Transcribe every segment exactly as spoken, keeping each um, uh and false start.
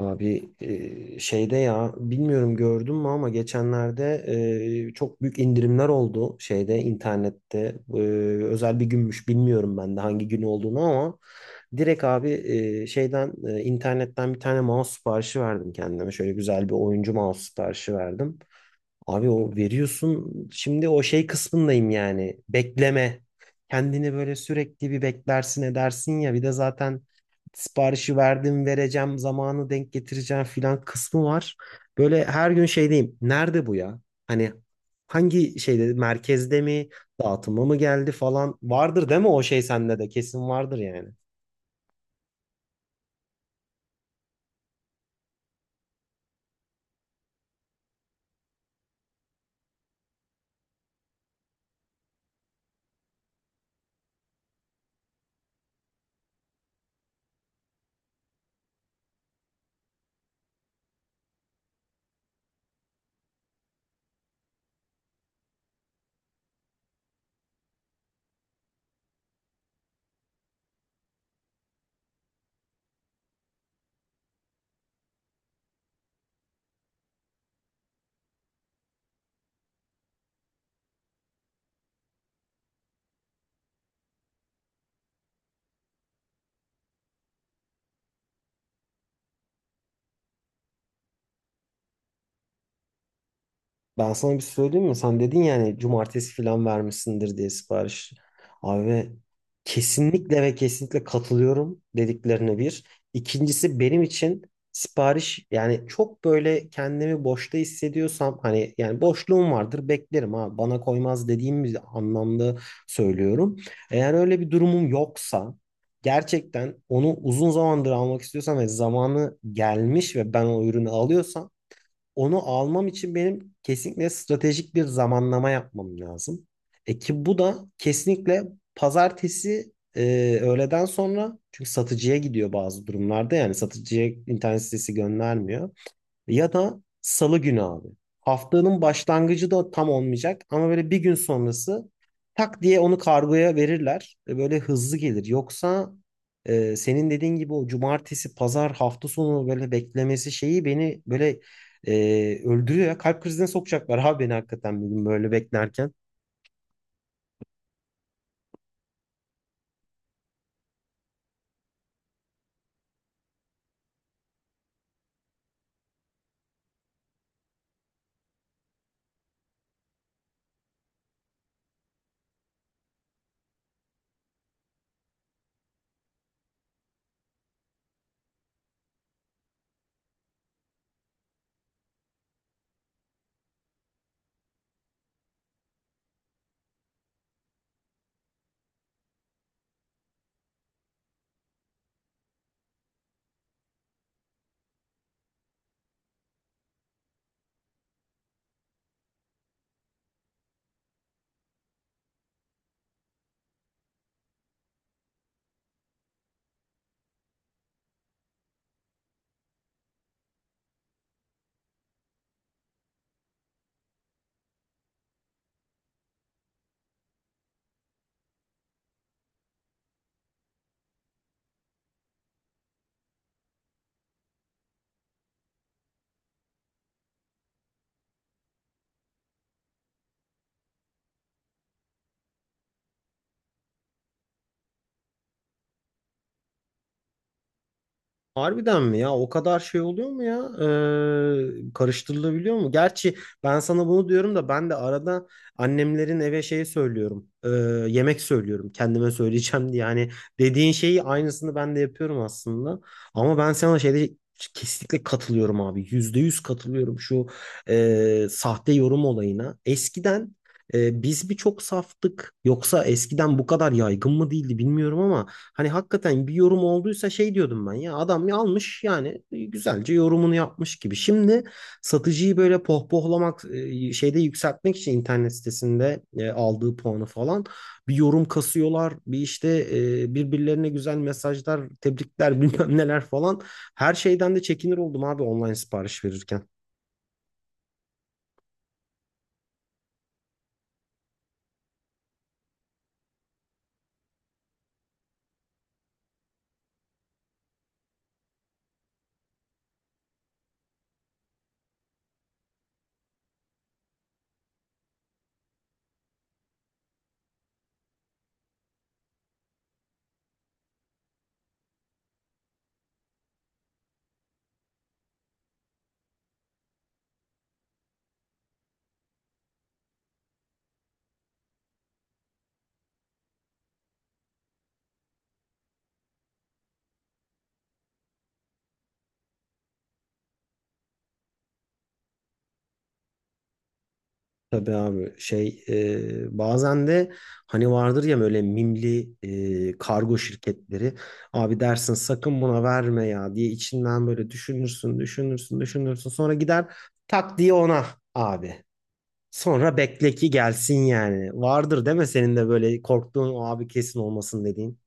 Abi e, şeyde ya bilmiyorum gördün mü ama geçenlerde e, çok büyük indirimler oldu şeyde internette. E, özel bir günmüş, bilmiyorum ben de hangi gün olduğunu, ama direkt abi e, şeyden e, internetten bir tane mouse siparişi verdim kendime, şöyle güzel bir oyuncu mouse siparişi verdim. Abi o veriyorsun, şimdi o şey kısmındayım yani. Bekleme. Kendini böyle sürekli bir beklersin edersin ya. Bir de zaten siparişi verdim, vereceğim, zamanı denk getireceğim filan kısmı var. Böyle her gün şeydeyim. Nerede bu ya? Hani hangi şeyde, merkezde mi, dağıtıma mı geldi falan vardır değil mi, o şey sende de kesin vardır yani. Ben sana bir söyleyeyim mi? Sen dedin yani cumartesi falan vermişsindir diye sipariş. Abi kesinlikle ve kesinlikle katılıyorum dediklerine, bir. İkincisi, benim için sipariş yani, çok böyle kendimi boşta hissediyorsam, hani yani boşluğum vardır, beklerim, ha bana koymaz dediğim bir anlamda söylüyorum. Eğer öyle bir durumum yoksa, gerçekten onu uzun zamandır almak istiyorsam ve zamanı gelmiş ve ben o ürünü alıyorsam, onu almam için benim kesinlikle stratejik bir zamanlama yapmam lazım. E ki bu da kesinlikle pazartesi e, öğleden sonra, çünkü satıcıya gidiyor bazı durumlarda, yani satıcıya internet sitesi göndermiyor. Ya da salı günü abi. Haftanın başlangıcı da tam olmayacak ama böyle bir gün sonrası tak diye onu kargoya verirler. E, Böyle hızlı gelir. Yoksa e, senin dediğin gibi o cumartesi, pazar, hafta sonu böyle beklemesi şeyi beni böyle e, öldürüyor ya. Kalp krizine sokacaklar abi beni, hakikaten bir gün böyle beklerken. Harbiden mi ya? O kadar şey oluyor mu ya? Ee, karıştırılabiliyor mu? Gerçi ben sana bunu diyorum da, ben de arada annemlerin eve şeyi söylüyorum. Ee, yemek söylüyorum, kendime söyleyeceğim diye. Yani dediğin şeyi, aynısını ben de yapıyorum aslında. Ama ben sana şeyde kesinlikle katılıyorum abi. Yüzde yüz katılıyorum şu e, sahte yorum olayına. Eskiden ee, biz bir çok saftık. Yoksa eskiden bu kadar yaygın mı değildi bilmiyorum, ama hani hakikaten bir yorum olduysa şey diyordum ben, ya adam ya almış yani, güzelce yorumunu yapmış gibi. Şimdi satıcıyı böyle pohpohlamak, e, şeyde yükseltmek için internet sitesinde e, aldığı puanı falan, bir yorum kasıyorlar. Bir işte e, birbirlerine güzel mesajlar, tebrikler bilmem neler falan. Her şeyden de çekinir oldum abi, online sipariş verirken. Tabii abi şey, e, bazen de hani vardır ya böyle mimli e, kargo şirketleri, abi dersin sakın buna verme ya diye, içinden böyle düşünürsün düşünürsün düşünürsün sonra gider tak diye ona, abi sonra bekle ki gelsin, yani vardır değil mi senin de böyle korktuğun, o abi kesin olmasın dediğin.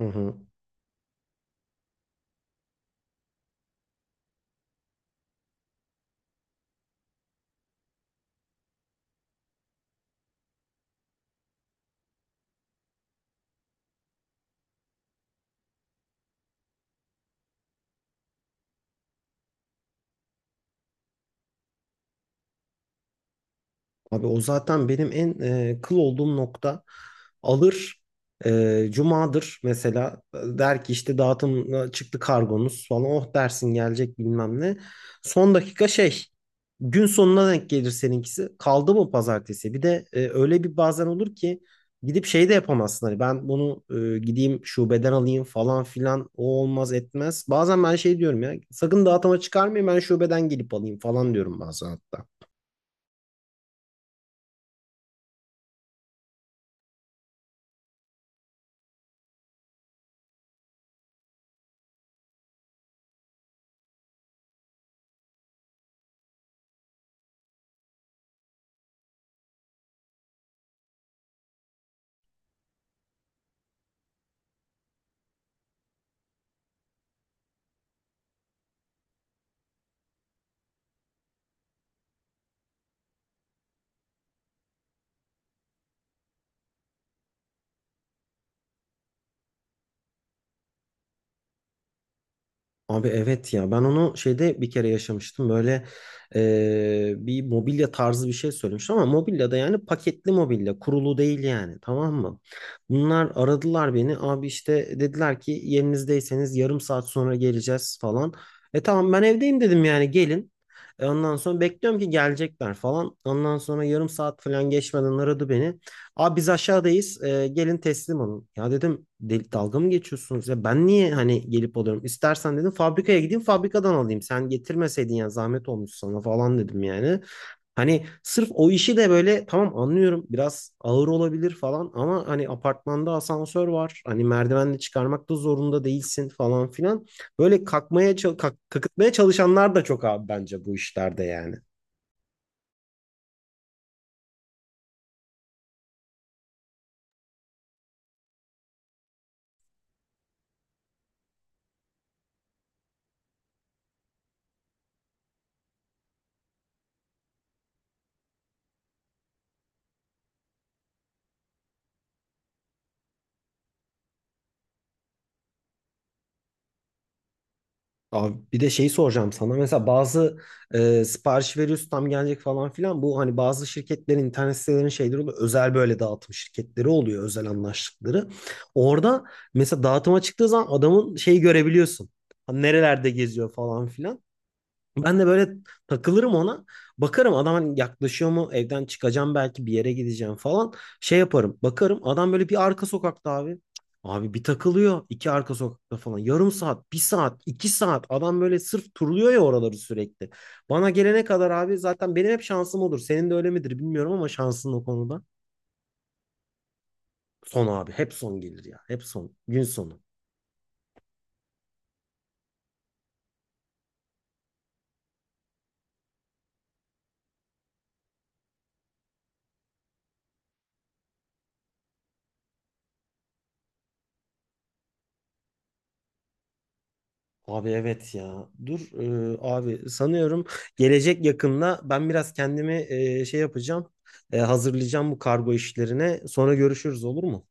Hı hı. Abi o zaten benim en e, kıl olduğum nokta, alır, e, cumadır mesela, der ki işte dağıtım çıktı kargonuz falan, oh dersin gelecek bilmem ne. Son dakika şey, gün sonuna denk gelir seninkisi, kaldı mı pazartesi, bir de e, öyle bir bazen olur ki gidip şey de yapamazsın, hani ben bunu e, gideyim şubeden alayım falan filan, o olmaz etmez. Bazen ben şey diyorum ya, sakın dağıtıma çıkarmayın, ben şubeden gelip alayım falan diyorum bazen hatta. Abi evet ya, ben onu şeyde bir kere yaşamıştım böyle. eee, bir mobilya tarzı bir şey söylemiştim, ama mobilya da yani, paketli mobilya, kurulu değil yani, tamam mı? Bunlar aradılar beni abi, işte dediler ki yerinizdeyseniz yarım saat sonra geleceğiz falan. E tamam ben evdeyim dedim yani, gelin. E, ondan sonra bekliyorum ki gelecekler falan. Ondan sonra yarım saat falan geçmeden aradı beni. Abi biz aşağıdayız, e, gelin teslim olun. Ya dedim, "Del- dalga mı geçiyorsunuz ya? Ben niye hani gelip alıyorum? İstersen dedim fabrikaya gideyim, fabrikadan alayım. Sen getirmeseydin ya, zahmet olmuş sana" falan dedim yani. Hani sırf o işi de böyle, tamam anlıyorum biraz ağır olabilir falan, ama hani apartmanda asansör var. Hani merdivenle çıkarmak da zorunda değilsin falan filan. Böyle kalkmaya çal- kalk- kakıtmaya çalışanlar da çok abi, bence bu işlerde yani. Abi bir de şeyi soracağım sana. Mesela bazı e, sipariş veriyorsun, tam gelecek falan filan. Bu hani bazı şirketlerin internet sitelerinin şeyleri oluyor, özel böyle dağıtım şirketleri oluyor, özel anlaştıkları. Orada mesela dağıtıma çıktığı zaman adamın şeyi görebiliyorsun. Hani nerelerde geziyor falan filan. Ben de böyle takılırım ona. Bakarım adam hani yaklaşıyor mu? Evden çıkacağım, belki bir yere gideceğim falan. Şey yaparım, bakarım adam böyle bir arka sokakta abi. Abi bir takılıyor, iki arka sokakta falan. Yarım saat, bir saat, iki saat. Adam böyle sırf turluyor ya oraları sürekli. Bana gelene kadar abi, zaten benim hep şansım olur. Senin de öyle midir bilmiyorum ama, şansın o konuda. Son abi. Hep son gelir ya. Hep son. Gün sonu. Abi evet ya. Dur, e, abi sanıyorum gelecek yakında, ben biraz kendimi e, şey yapacağım. E, hazırlayacağım bu kargo işlerine. Sonra görüşürüz, olur mu?